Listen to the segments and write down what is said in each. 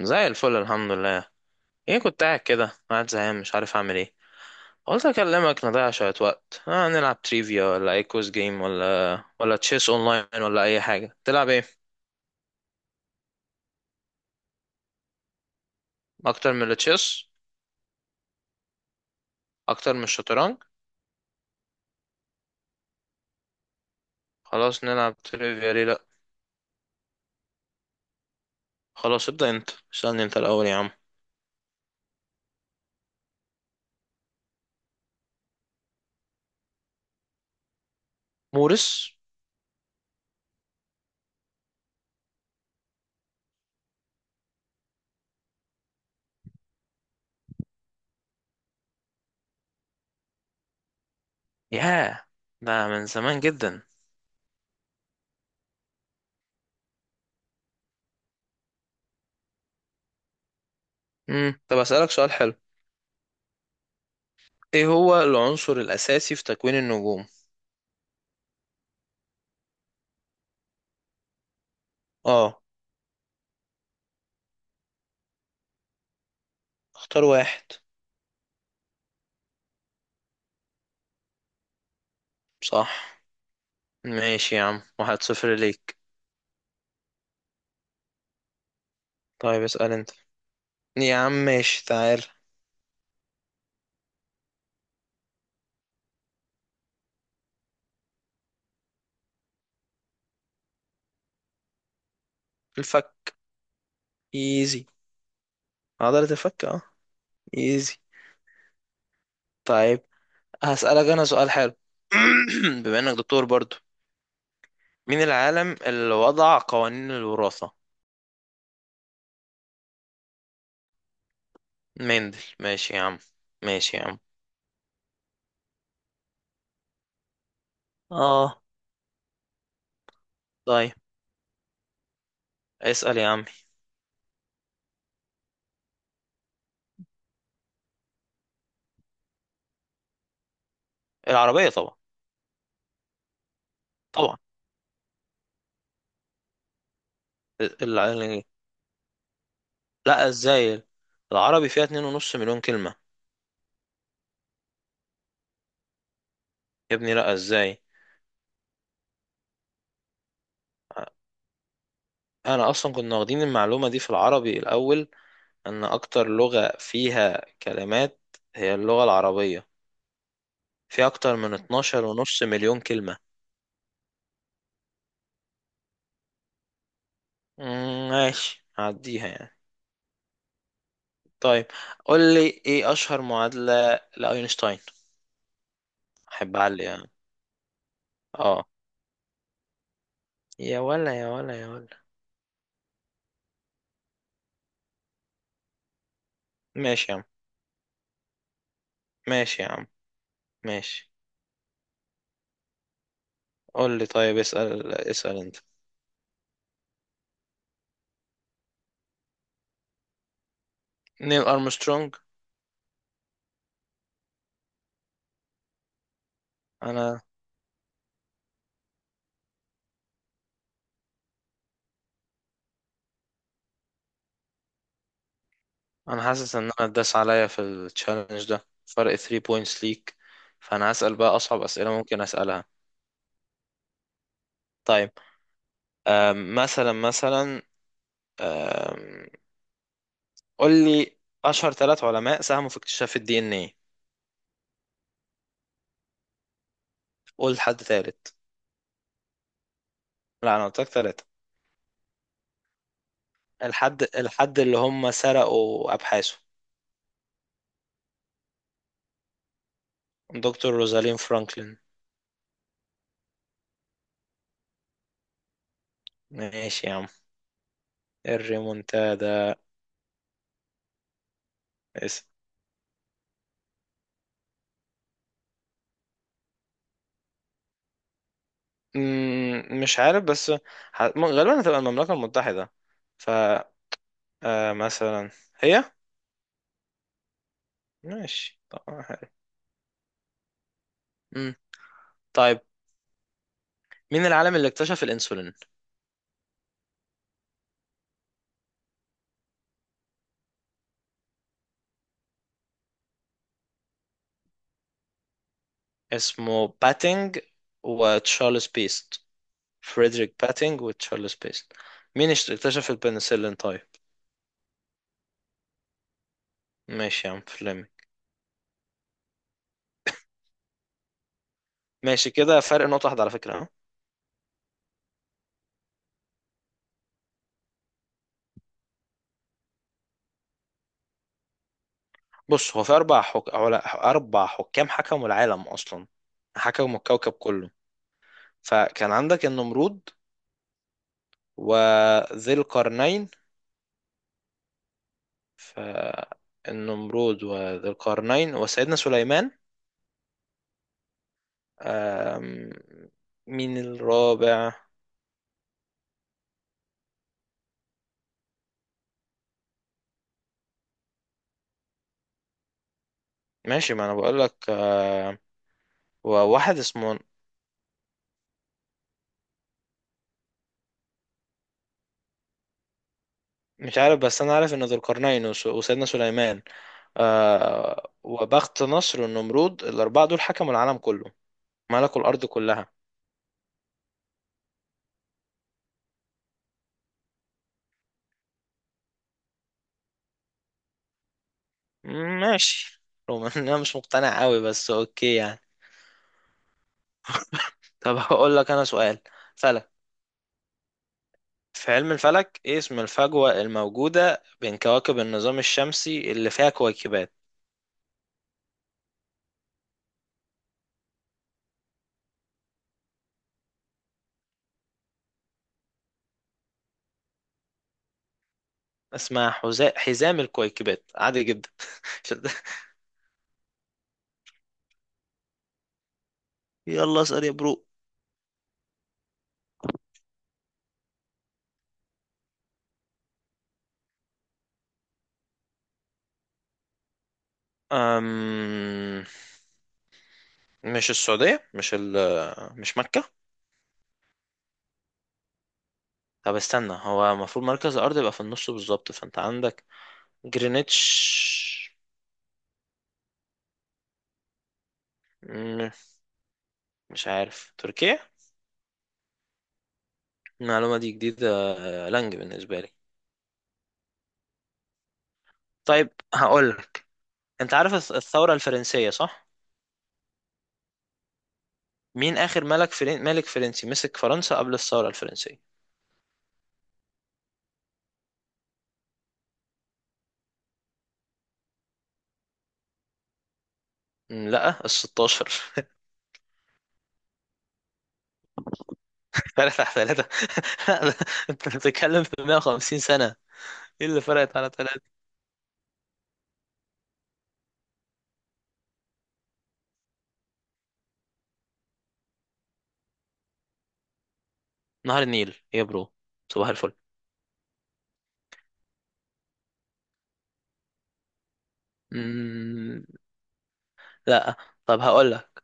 زي الفل الحمد لله. ايه، كنت قاعد كده زهقان، مش عارف اعمل ايه. قلت اكلمك نضيع شوية وقت. نلعب تريفيا ولا اي كوز جيم ولا تشيس اونلاين ولا اي حاجة. تلعب ايه؟ اكتر من التشيس؟ اكتر من الشطرنج؟ خلاص نلعب تريفيا، ليه لا. خلاص ابدأ انت، اسألني انت الاول يا عم. مورس. ياه، ده من زمان جدا. طب اسألك سؤال حلو. ايه هو العنصر الاساسي في تكوين النجوم؟ اه. اختار واحد. صح. ماشي يا عم، واحد صفر ليك. طيب اسأل انت يا عم، ماشي، تعال. الفك. ايزي. عضلة الفك، اه. ايزي. طيب هسألك انا سؤال حلو. بما انك دكتور برضو، مين العالم اللي وضع قوانين الوراثة؟ مندل. ماشي يا عم، ماشي يا عم. اه، طيب اسأل يا عم. العربية طبعا. طبعا. ال... ال... لا، ازاي؟ العربي فيها 2.5 مليون كلمة. يا ابني لا، ازاي؟ انا اصلا كنا واخدين المعلومة دي في العربي الاول، ان اكتر لغة فيها كلمات هي اللغة العربية، في اكتر من 12 ونص مليون كلمة. ماشي هعديها يعني. طيب قول لي، ايه اشهر معادلة لاينشتاين؟ احب اعلي يعني. اه، يا ولا يا ولا يا ولا. ماشي يا عم، ماشي يا عم، ماشي. قول لي طيب، اسأل اسأل انت. نيل ارمسترونج. انا، انا حاسس ان انا اتداس عليا في التشالنج ده، فرق 3 بوينتس ليك. فانا هسأل بقى اصعب اسئلة ممكن اسألها. طيب، مثلا مثلا، أم، قول لي اشهر ثلاث علماء ساهموا في اكتشاف الدي ان ايه. قول حد ثالث. لا انا قلت لك ثلاثه. الحد اللي هم سرقوا ابحاثه. دكتور روزالين فرانكلين. ماشي يا عم. الريمونتادا. اسم. مش عارف، بس غالبا هتبقى المملكه المتحده. ف مثلا، هي. ماشي، حلو. مم. طيب، مين العالم اللي اكتشف الانسولين؟ اسمه باتينج وتشارلز بيست. فريدريك باتينج وتشارلز بيست. مين اكتشف البنسلين طيب؟ ماشي يا عم فلمي. ماشي كده، فرق نقطة واحدة على فكرة ها. بص، هو في أربع حكام حكموا العالم أصلا، حكموا الكوكب كله. فكان عندك النمرود، وذي القرنين. فالنمرود وذي القرنين وسيدنا سليمان. آم، مين الرابع؟ ماشي ما أنا بقول لك. وواحد اسمه، مش عارف، بس انا عارف ان ذو القرنين وسيدنا سليمان، آه، وبخت نصر والنمرود، الاربعه دول حكموا العالم كله، ملكوا الارض كلها. ماشي، رغم ان انا مش مقتنع قوي بس اوكي يعني. طب هقول لك انا سؤال فلك. في علم الفلك، ايه اسم الفجوه الموجوده بين كواكب النظام الشمسي اللي فيها كويكبات؟ اسمها حزام الكويكبات، عادي جدا. يلا اسأل يا برو. أم... مش السعودية؟ مش مكة؟ طب استنى، هو المفروض مركز الأرض يبقى في النص بالظبط، فأنت عندك جرينتش. مم، مش عارف تركيا، المعلومة دي جديدة، لانج بالنسبة لي. طيب هقول. أنت عارف الثورة الفرنسية صح؟ مين آخر ملك فرنسي مسك فرنسا قبل الثورة الفرنسية؟ مم، لا، ال 16. فرقت على ثلاثة. لا، ده- أنت بتتكلم في 150 سنة. إيه اللي فرقت على ثلاثة؟ نهر النيل يا برو، صباح الفل. لا. طب هقول لك،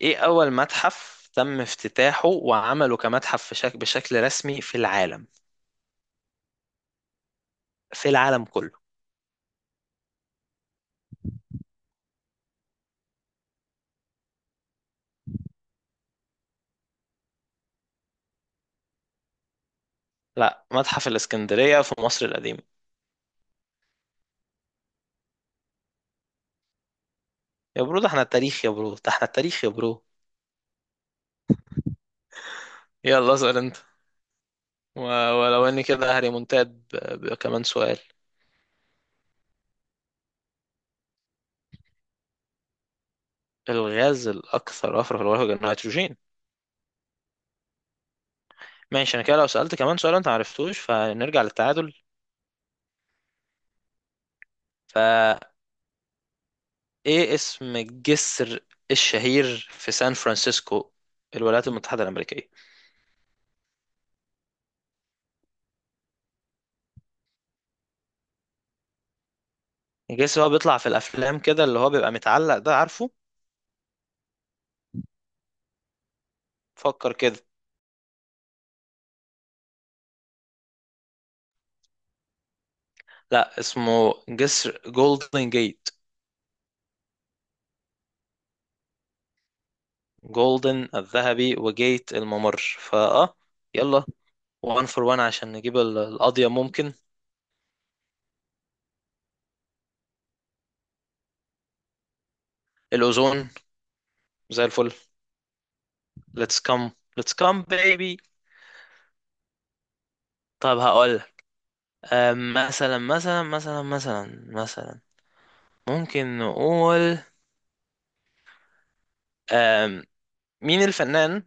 ايه اول متحف تم افتتاحه وعمله كمتحف في بشكل رسمي في العالم؟ في العالم كله. لا، متحف الاسكندرية في مصر القديمة. يا برو ده احنا التاريخ، يا برو ده احنا التاريخ يا برو. يلا اسأل انت. و... ولو اني كده هريمونتاد. ب... كمان سؤال. الغاز الاكثر وفرة في الغلاف، النيتروجين. ماشي، انا كده لو سألت كمان سؤال انت معرفتوش فنرجع للتعادل. فايه اسم الجسر الشهير في سان فرانسيسكو، الولايات المتحدة الأمريكية؟ جيسي، هو بيطلع في الافلام كده اللي هو بيبقى متعلق، ده عارفه. فكر كده. لا اسمه جسر جولدن جيت. جولدن الذهبي، وجيت الممر، فاه. يلا، وان فور وان عشان نجيب القضية ممكن. الاوزون. زي الفل. ليتس كام. ليتس كام بيبي. طب هقول، مثلا مثلا، ممكن نقول، أم، مين الفنان،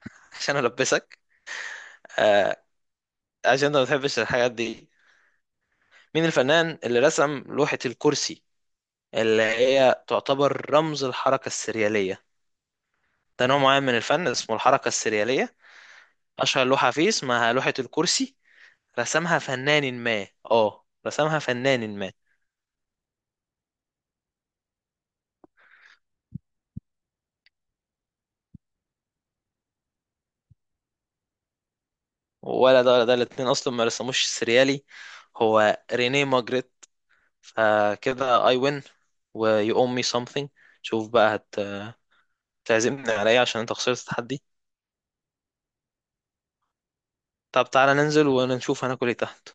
عشان البسك، أه، عشان انت ما بتحبش الحاجات دي، مين الفنان اللي رسم لوحة الكرسي اللي هي تعتبر رمز الحركة السريالية؟ ده نوع معين من الفن اسمه الحركة السريالية، أشهر لوحة فيه اسمها لوحة الكرسي. رسمها فنان ما. ولا ده ولا ده، الاتنين أصلا ما رسموش السريالي، هو رينيه ماجريت. فكده I win، و you owe me something. شوف بقى، هتعزمني على ايه عشان انت خسرت التحدي؟ طب تعالى ننزل ونشوف هناكل ايه تحت.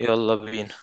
يلا بينا.